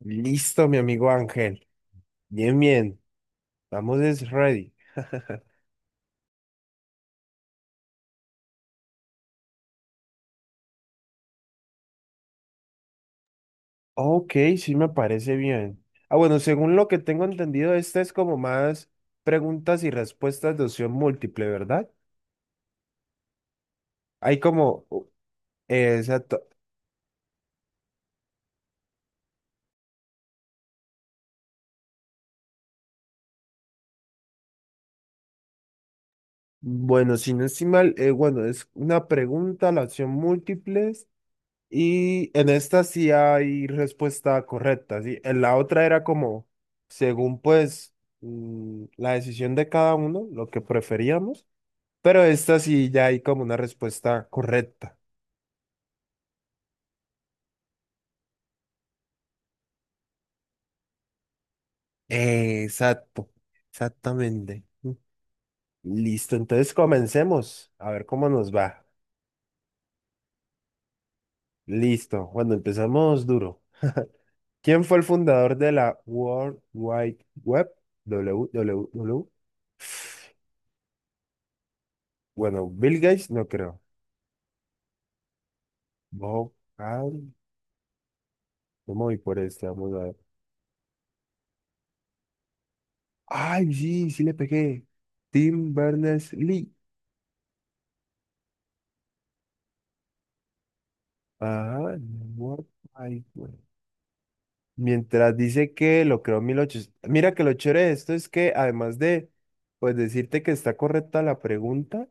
Listo, mi amigo Ángel. Bien, bien. Vamos, es ready. Ok, sí me parece bien. Bueno, según lo que tengo entendido, esta es como más preguntas y respuestas de opción múltiple, ¿verdad? Hay como, exacto. Bueno, si no estoy mal, bueno, es una pregunta, la opción múltiples, y en esta sí hay respuesta correcta, ¿sí? En la otra era como, según pues la decisión de cada uno, lo que preferíamos. Pero esta sí ya hay como una respuesta correcta. Exacto, exactamente. Listo, entonces comencemos a ver cómo nos va. Listo, cuando empezamos duro. ¿Quién fue el fundador de la World Wide Web? WWW. Bueno, Bill Gates no creo. Bob Hall, no me voy por este, vamos a ver. Ay, sí, sí le pegué. Tim Berners-Lee. Ajá, World Wide Web. Mientras dice que lo creó en 1800. Mira que lo chévere de esto es que además de pues decirte que está correcta la pregunta,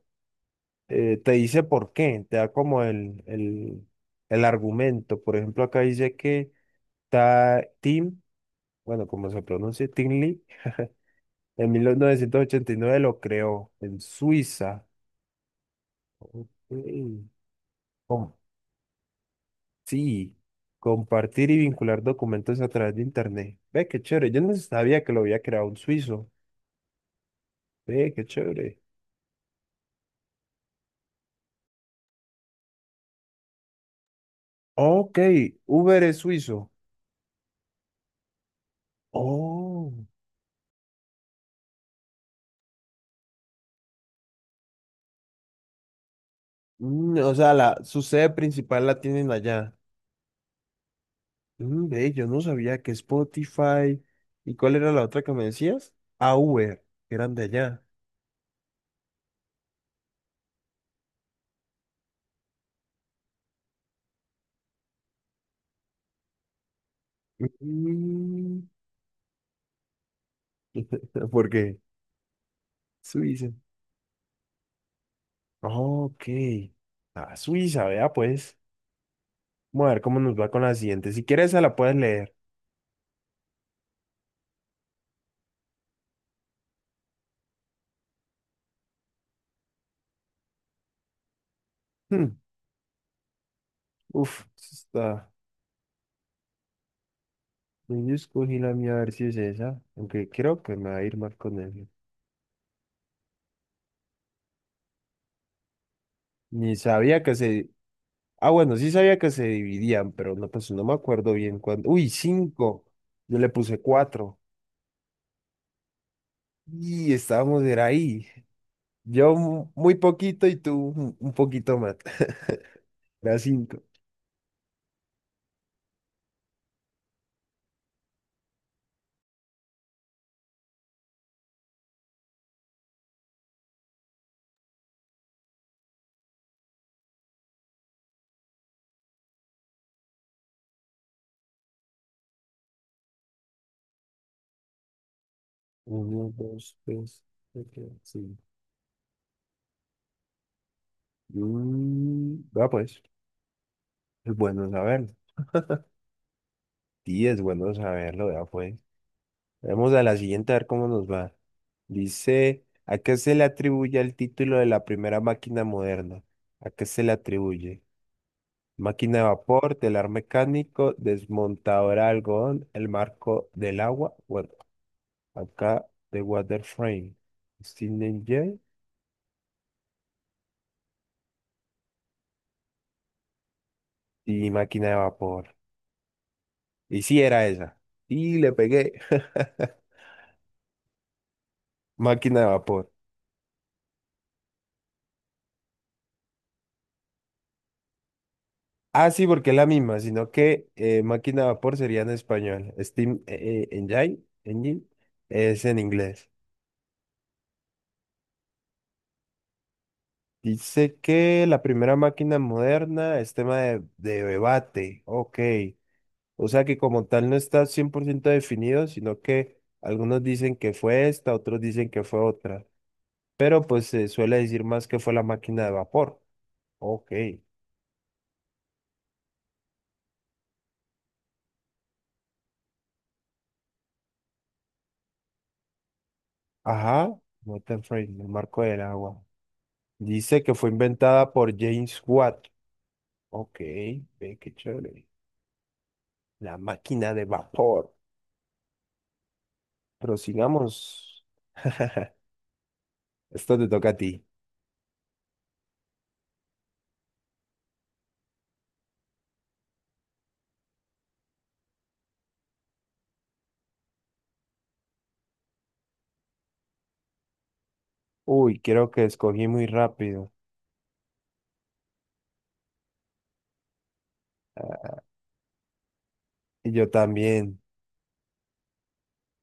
te dice por qué, te da como el argumento. Por ejemplo, acá dice que Tim, bueno, como se pronuncia, Tim Lee, en 1989 lo creó en Suiza. Ok. Com- sí, compartir y vincular documentos a través de Internet. Ve, qué chévere. Yo no sabía que lo había creado un suizo. Ve, qué chévere. Ok, Uber es suizo. Oh, mm, o sea, su sede principal la tienen allá. Mm, ve, yo no sabía que Spotify. ¿Y cuál era la otra que me decías? Ah, Uber, que eran de allá. Mm, ¿por qué? Suiza. Ok. Ah, Suiza, vea pues. Vamos a ver cómo nos va con la siguiente. Si quieres, esa la puedes leer. Hmm, uf, esa está. Yo escogí la mía a ver si es esa, aunque creo que me va a ir mal con él. Ni sabía que se... Ah, bueno, sí sabía que se dividían, pero no, pues no me acuerdo bien cuándo. Uy, cinco. Yo le puse cuatro. Y estábamos, era ahí. Yo muy poquito y tú un poquito más. Era cinco. Uno, dos, tres, cuatro, cinco. Mm, vea pues, es bueno saberlo. Sí, es bueno saberlo, vea pues. Vamos a la siguiente a ver cómo nos va. Dice, ¿a qué se le atribuye el título de la primera máquina moderna? ¿A qué se le atribuye? Máquina de vapor, telar mecánico, desmontadora de algodón, el marco del agua. Bueno, acá de Water Frame. Steam Engine y máquina de vapor. Y sí era esa. Y le pegué. Máquina de vapor. Ah, sí, porque es la misma, sino que máquina de vapor sería en español. Steam Engine, Engine es en inglés. Dice que la primera máquina moderna es tema de debate. Ok. O sea que como tal no está 100% definido, sino que algunos dicen que fue esta, otros dicen que fue otra. Pero pues se suele decir más que fue la máquina de vapor. Ok. Ajá. Water frame, el marco del agua. Dice que fue inventada por James Watt. Ok, ve qué chévere. La máquina de vapor. Prosigamos. Esto te toca a ti. Uy, creo que escogí muy rápido. Y yo también.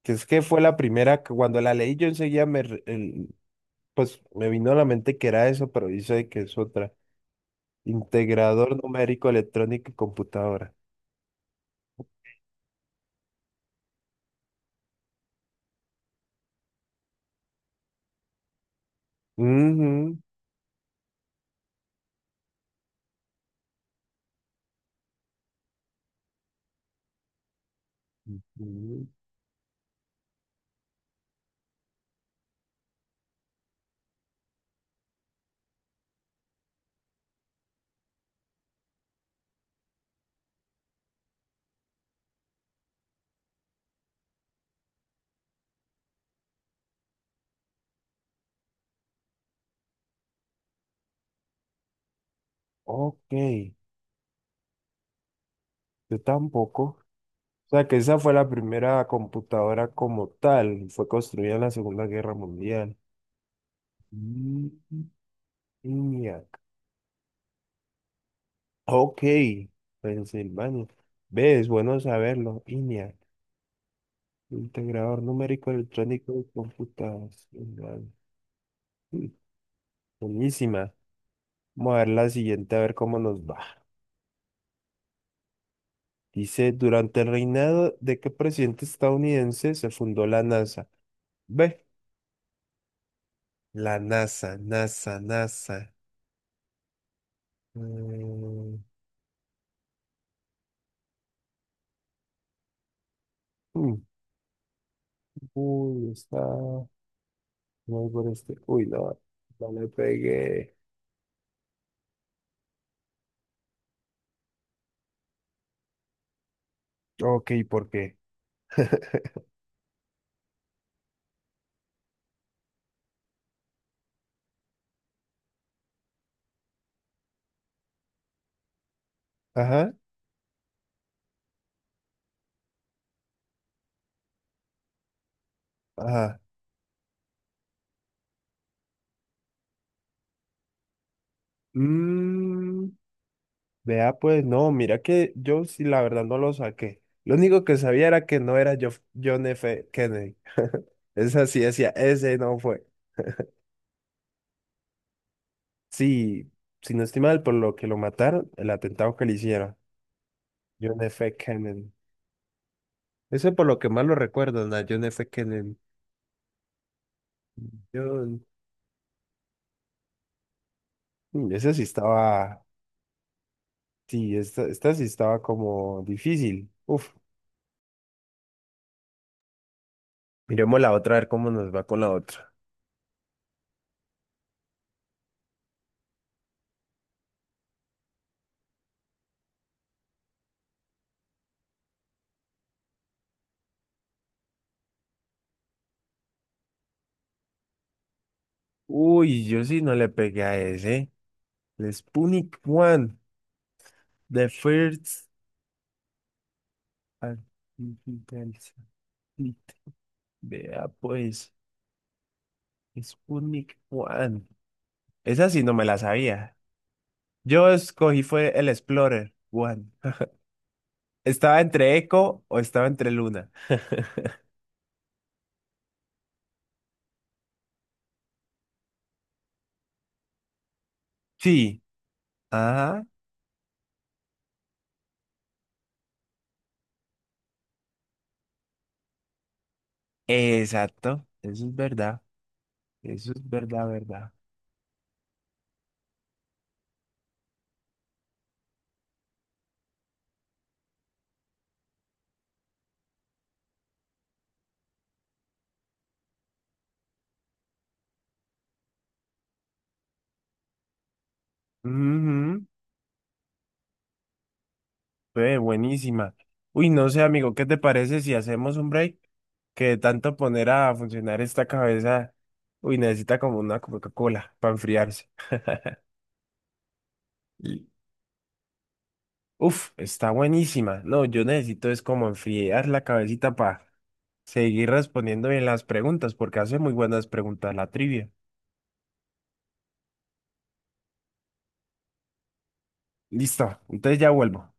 Que es que fue la primera que cuando la leí yo enseguida me, pues me vino a la mente que era eso, pero dice que es otra. Integrador numérico electrónico y computadora. Ujú, ujú. Ok, yo tampoco. O sea que esa fue la primera computadora como tal. Fue construida en la Segunda Guerra Mundial. Mm, ENIAC. Ok, Pensilvania. ¿Ves? Bueno saberlo. ENIAC. Integrador numérico electrónico de computación. Mm, buenísima. Vamos a ver la siguiente, a ver cómo nos va. Dice, durante el reinado de qué presidente estadounidense se fundó la NASA. B, la NASA, NASA, NASA. Mm, mm, uy, está. No por este. Uy, no. No le pegué. Ok, ¿por qué? Ajá, ajá. Mm, vea, pues no, mira que yo sí la verdad no lo saqué. Lo único que sabía era que no era John F. Kennedy. Esa sí decía, ese no fue. Sí, si no estoy mal, por lo que lo mataron, el atentado que le hicieron. John F. Kennedy. Ese por lo que más lo recuerdan, a John F. Kennedy. John- Mm, ese sí estaba, sí, esta sí estaba como difícil. Uf, miremos la otra, a ver cómo nos va con la otra. Uy, yo sí no le pegué a ese. El Sputnik One. The First Artificial Satellite. Vea pues, Sputnik One. Esa sí no me la sabía. Yo escogí fue el Explorer One. Estaba entre Echo o estaba entre Luna. Sí, ajá, exacto. Eso es verdad. Eso es verdad, verdad. Ujú. Ve, buenísima. Uy, no sé, amigo, ¿qué te parece si hacemos un break? Que de tanto poner a funcionar esta cabeza, uy, necesita como una Coca-Cola para enfriarse. Y, uf, está buenísima. No, yo necesito es como enfriar la cabecita para seguir respondiendo bien las preguntas, porque hace muy buenas preguntas la trivia. Listo, entonces ya vuelvo.